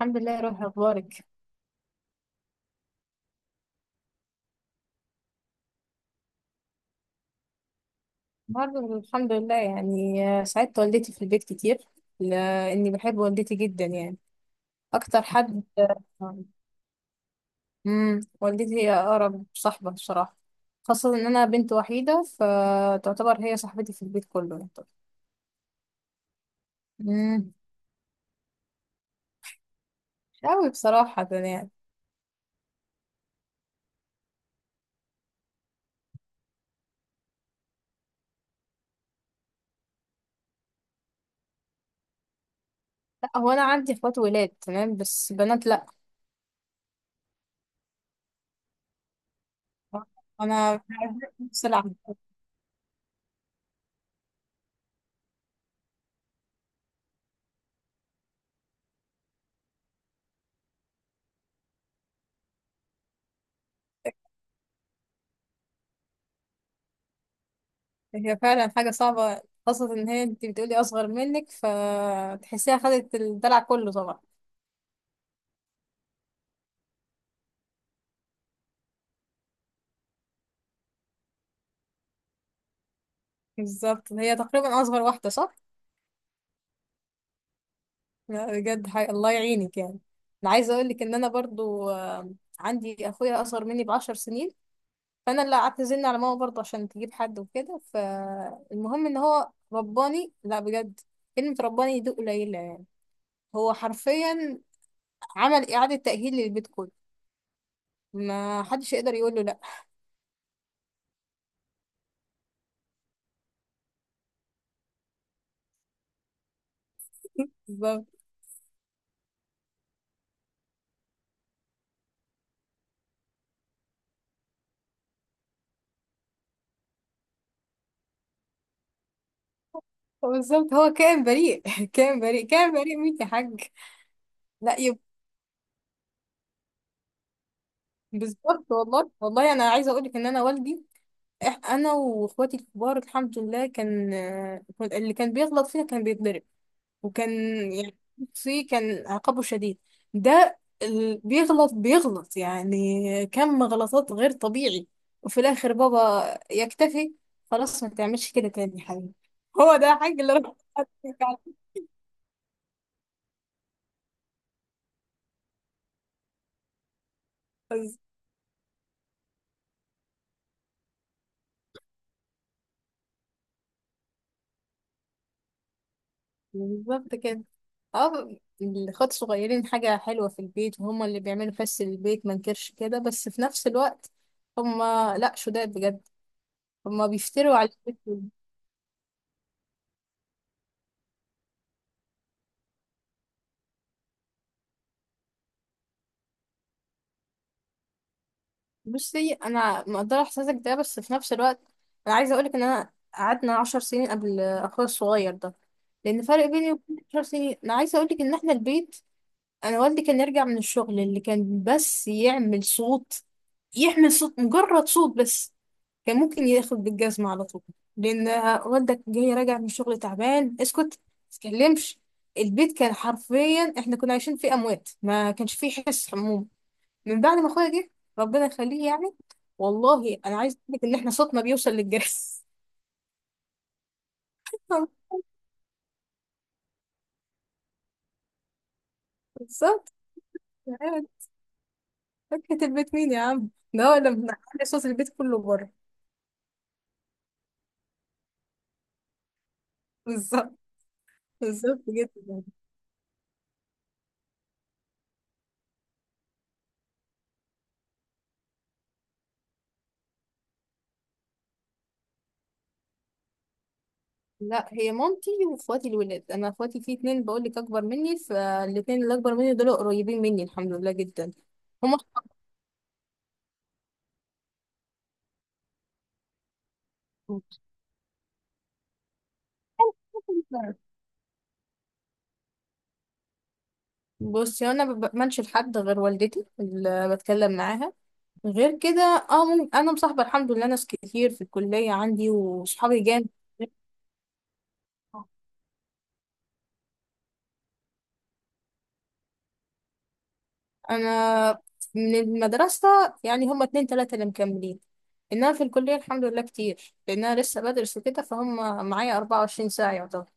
الحمد لله يا روحي، اخبارك؟ برضه الحمد لله. يعني ساعدت والدتي في البيت كتير لاني بحب والدتي جدا يعني اكتر حد. والدتي هي اقرب صاحبه بصراحه، خاصه ان انا بنت وحيده فتعتبر هي صاحبتي في البيت كله يعني. امم مش قوي بصراحه يعني. لا، هو انا عندي اخوات ولاد تمام، بس بنات لا. انا نفس العمل. هي فعلا حاجه صعبه، خاصه ان هي انت بتقولي اصغر منك، فتحسيها خدت الدلع كله طبعا. بالظبط، هي تقريبا اصغر واحده، صح. لا، بجد الله يعينك يعني. انا عايزه اقول لك ان انا برضو عندي اخويا اصغر مني بـ10 سنين، فانا اللي اعتزلنا على ماما برضو عشان تجيب حد وكده. فالمهم ان هو رباني، لا بجد، كلمه رباني دي قليله يعني. هو حرفيا عمل اعاده تاهيل للبيت كله، ما حدش يقدر يقول له لا. بالظبط بالظبط، هو كائن بريء. كائن بريء كائن بريء مين يا حاج. لا بالظبط، والله والله انا عايزه اقول لك ان انا والدي، انا واخواتي الكبار الحمد لله كان، اللي كان بيغلط فينا كان بيتضرب، وكان يعني فيه كان عقابه شديد. ده اللي بيغلط بيغلط يعني كم غلطات غير طبيعي، وفي الاخر بابا يكتفي. خلاص ما تعملش كده تاني يا حبيبي. هو ده حاج اللي ربنا يعطيك عليه. بس، بالظبط كده. اه الاخوات الصغيرين حاجة حلوة في البيت، وهما اللي بيعملوا فس البيت ما نكرش كده، بس في نفس الوقت هما لا شداد بجد، هما بيفتروا عليك بالكلمة. بصي انا مقدره احساسك ده، بس في نفس الوقت انا عايزه اقولك ان انا قعدنا 10 سنين قبل اخويا الصغير ده، لان فرق بيني وبين 10 سنين انا عايزه اقولك ان احنا البيت، انا والدي كان يرجع من الشغل، اللي كان بس يعمل صوت، يحمل صوت مجرد صوت بس، كان ممكن ياخد بالجزمه على طول. لان والدك جاي راجع من الشغل تعبان، اسكت متتكلمش. البيت كان حرفيا احنا كنا عايشين فيه اموات، ما كانش فيه حس حموم. من بعد ما اخويا جه، ربنا يخليه يعني، والله انا عايز اقول لك ان احنا صوتنا بيوصل للجهاز. بالظبط، يعني فكرة البيت مين يا عم؟ ده هو اللي بنعلي صوت البيت كله بره. بالظبط بالظبط جدا. لا هي مامتي واخواتي الولاد، انا اخواتي في اتنين بقول لك اكبر مني، فالاتنين اللي اكبر مني دول قريبين مني الحمد لله جدا. هما. بصي انا ما بأمنش لحد غير والدتي اللي بتكلم معاها، غير كده اه ممكن انا مصاحبه الحمد لله ناس كتير في الكليه عندي، وصحابي جامد. انا من المدرسه يعني هما اتنين تلاته اللي مكملين، انها في الكليه الحمد لله كتير لانها لسه بدرس وكده، فهم معايا 24 ساعه يعتبر.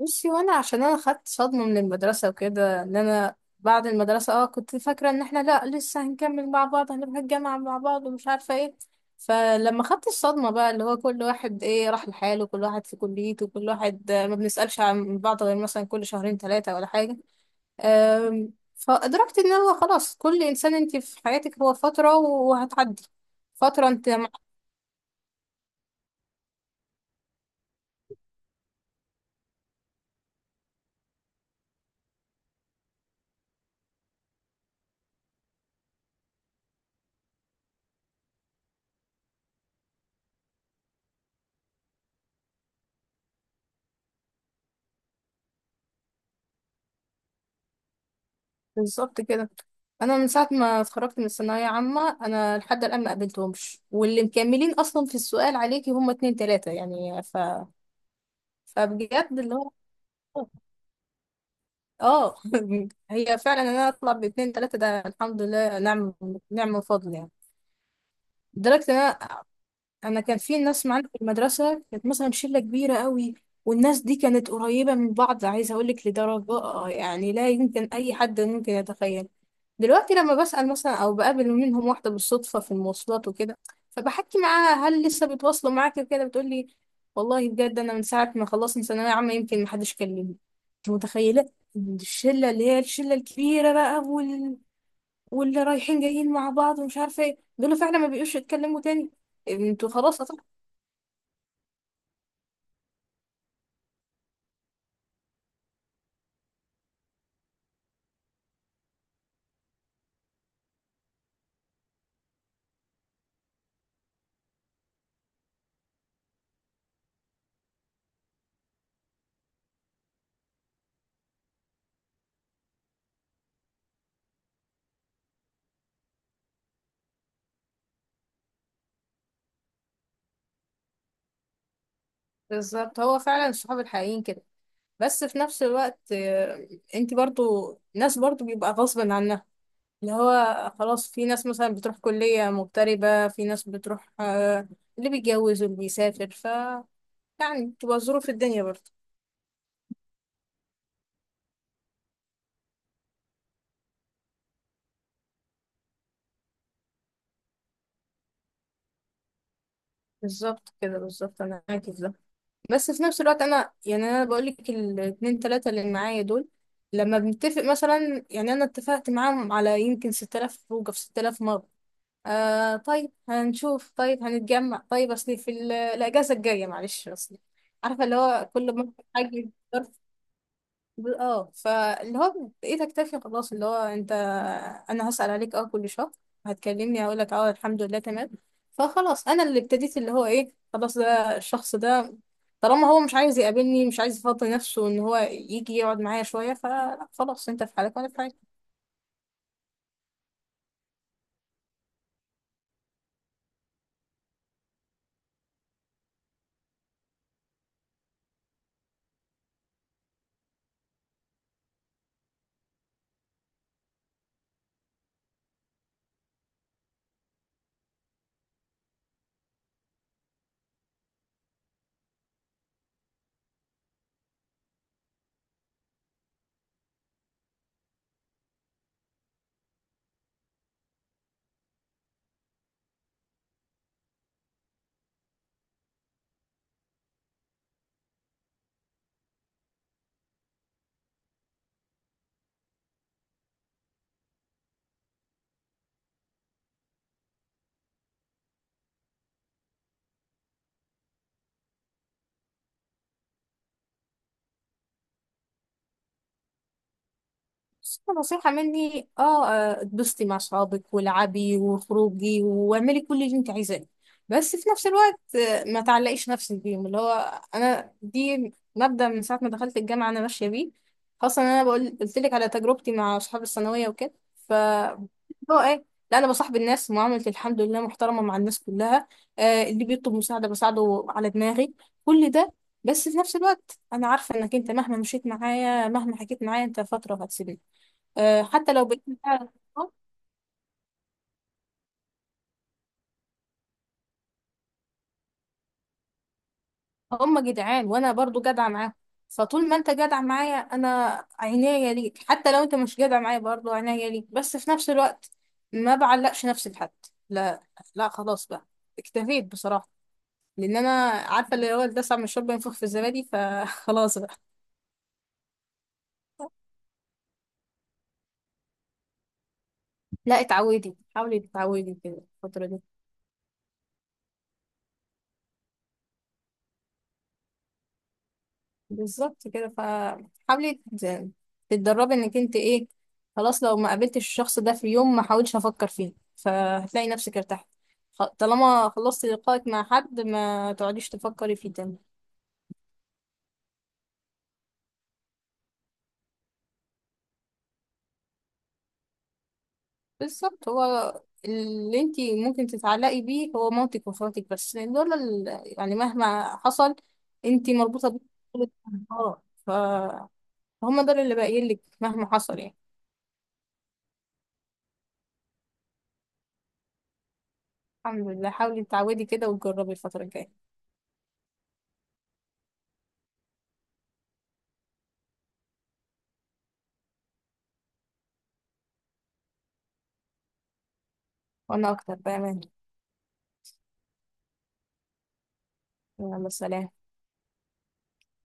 بصي، وانا عشان انا خدت صدمة من المدرسة وكده، ان انا بعد المدرسة اه كنت فاكرة ان احنا لا لسه هنكمل مع بعض، هنروح الجامعة مع بعض ومش عارفة ايه. فلما خدت الصدمة بقى اللي هو كل واحد ايه راح لحاله، كل واحد في كليته، كل واحد ما بنسألش عن بعض غير مثلا كل شهرين ثلاثة ولا حاجة. فأدركت ان هو خلاص كل انسان انت في حياتك هو فترة وهتعدي، فترة انت. بالظبط كده. انا من ساعه ما اتخرجت من الثانويه عامه انا لحد الان ما قابلتهمش، واللي مكملين اصلا في السؤال عليكي هم اتنين تلاته يعني. فبجد اللي هو اه. هي فعلا ان انا اطلع باتنين تلاته ده الحمد لله، نعم نعم من فضل يعني. لدرجه انا كان في ناس معانا في المدرسه كانت مثلا شله كبيره قوي، والناس دي كانت قريبه من بعض، عايزه اقول لك لدرجه يعني لا يمكن اي حد ممكن يتخيل. دلوقتي لما بسال مثلا او بقابل منهم واحده بالصدفه في المواصلات وكده، فبحكي معاها هل لسه بيتواصلوا معاك وكده، بتقول لي والله بجد انا من ساعه ما خلصنا ثانويه عامه يمكن محدش كلمني. انت متخيله؟ الشله اللي هي الشله الكبيره بقى واللي رايحين جايين مع بعض ومش عارفه ايه دول فعلا ما بيقوش يتكلموا تاني. انتوا خلاص. بالظبط، هو فعلا الصحاب الحقيقيين كده. بس في نفس الوقت انت برضو ناس برضو بيبقى غصب عنها، اللي هو خلاص، في ناس مثلا بتروح كلية مغتربة، في ناس بتروح اللي بيتجوز واللي بيسافر. ف يعني بتبقى ظروف الدنيا برضو. بالظبط كده، بالظبط انا معاكي في ده. بس في نفس الوقت انا يعني انا بقولك الاتنين تلاتة اللي معايا دول، لما بنتفق مثلا يعني انا اتفقت معاهم على يمكن 6000 خروجه في 6000 مرة. آه طيب هنشوف، طيب هنتجمع، طيب اصلي في الاجازه الجايه معلش اصلي. عارفه اللي هو كل ما حاجه، ظرف، فاللي هو بايدك تكفي خلاص. اللي هو انت، انا هسال عليك اه كل شهر، هتكلمني هقول لك اه الحمد لله تمام. فخلاص انا اللي ابتديت اللي هو ايه. خلاص، ده الشخص ده طالما هو مش عايز يقابلني، مش عايز يفضي نفسه ان هو يجي يقعد معايا شويه، فخلاص انت في حالك وانا في حالي. بس نصيحة مني اه اتبسطي مع صحابك والعبي وخروجي واعملي كل اللي انت عايزاه. بس في نفس الوقت ما تعلقيش نفسك بيهم. اللي هو انا دي مبدأ من ساعة ما دخلت الجامعة انا ماشية بيه، خاصة ان انا بقول قلت لك على تجربتي مع اصحاب الثانوية وكده. ف هو ايه، لا انا بصاحب الناس، معاملتي الحمد لله محترمة مع الناس كلها. آه، اللي بيطلب مساعدة بساعده على دماغي كل ده، بس في نفس الوقت انا عارفة انك انت مهما مشيت معايا مهما حكيت معايا انت فترة هتسيبني. حتى لو بقيت فعلا هم جدعان وانا برضو جدعه معاهم، فطول ما انت جدع معايا انا عينيا ليك. حتى لو انت مش جدع معايا برضو عينيا ليك، بس في نفس الوقت ما بعلقش نفسي بحد. لا، لا خلاص بقى، اكتفيت بصراحه، لان انا عارفه اللي هو الدسع من الشرب ينفخ في الزبادي فخلاص بقى. لا اتعودي، حاولي تتعودي كده الفتره دي. بالظبط كده، فحاولي ت- تتدربي انك انت ايه. خلاص لو ما قابلتش الشخص ده في يوم ما حاولش افكر فيه، فهتلاقي نفسك ارتحت. طالما خلصت لقائك مع حد ما تقعديش تفكري فيه تاني. بالظبط، هو اللي انت ممكن تتعلقي بيه هو مامتك واخواتك بس، لأن دول يعني مهما حصل انت مربوطة بيه. اه ف- فهم دول اللي باقيين لك مهما حصل يعني. الحمد لله، حاولي تعودي كده وتجربي الفترة الجاية. وانا اكتر بأمان. يلا سلام.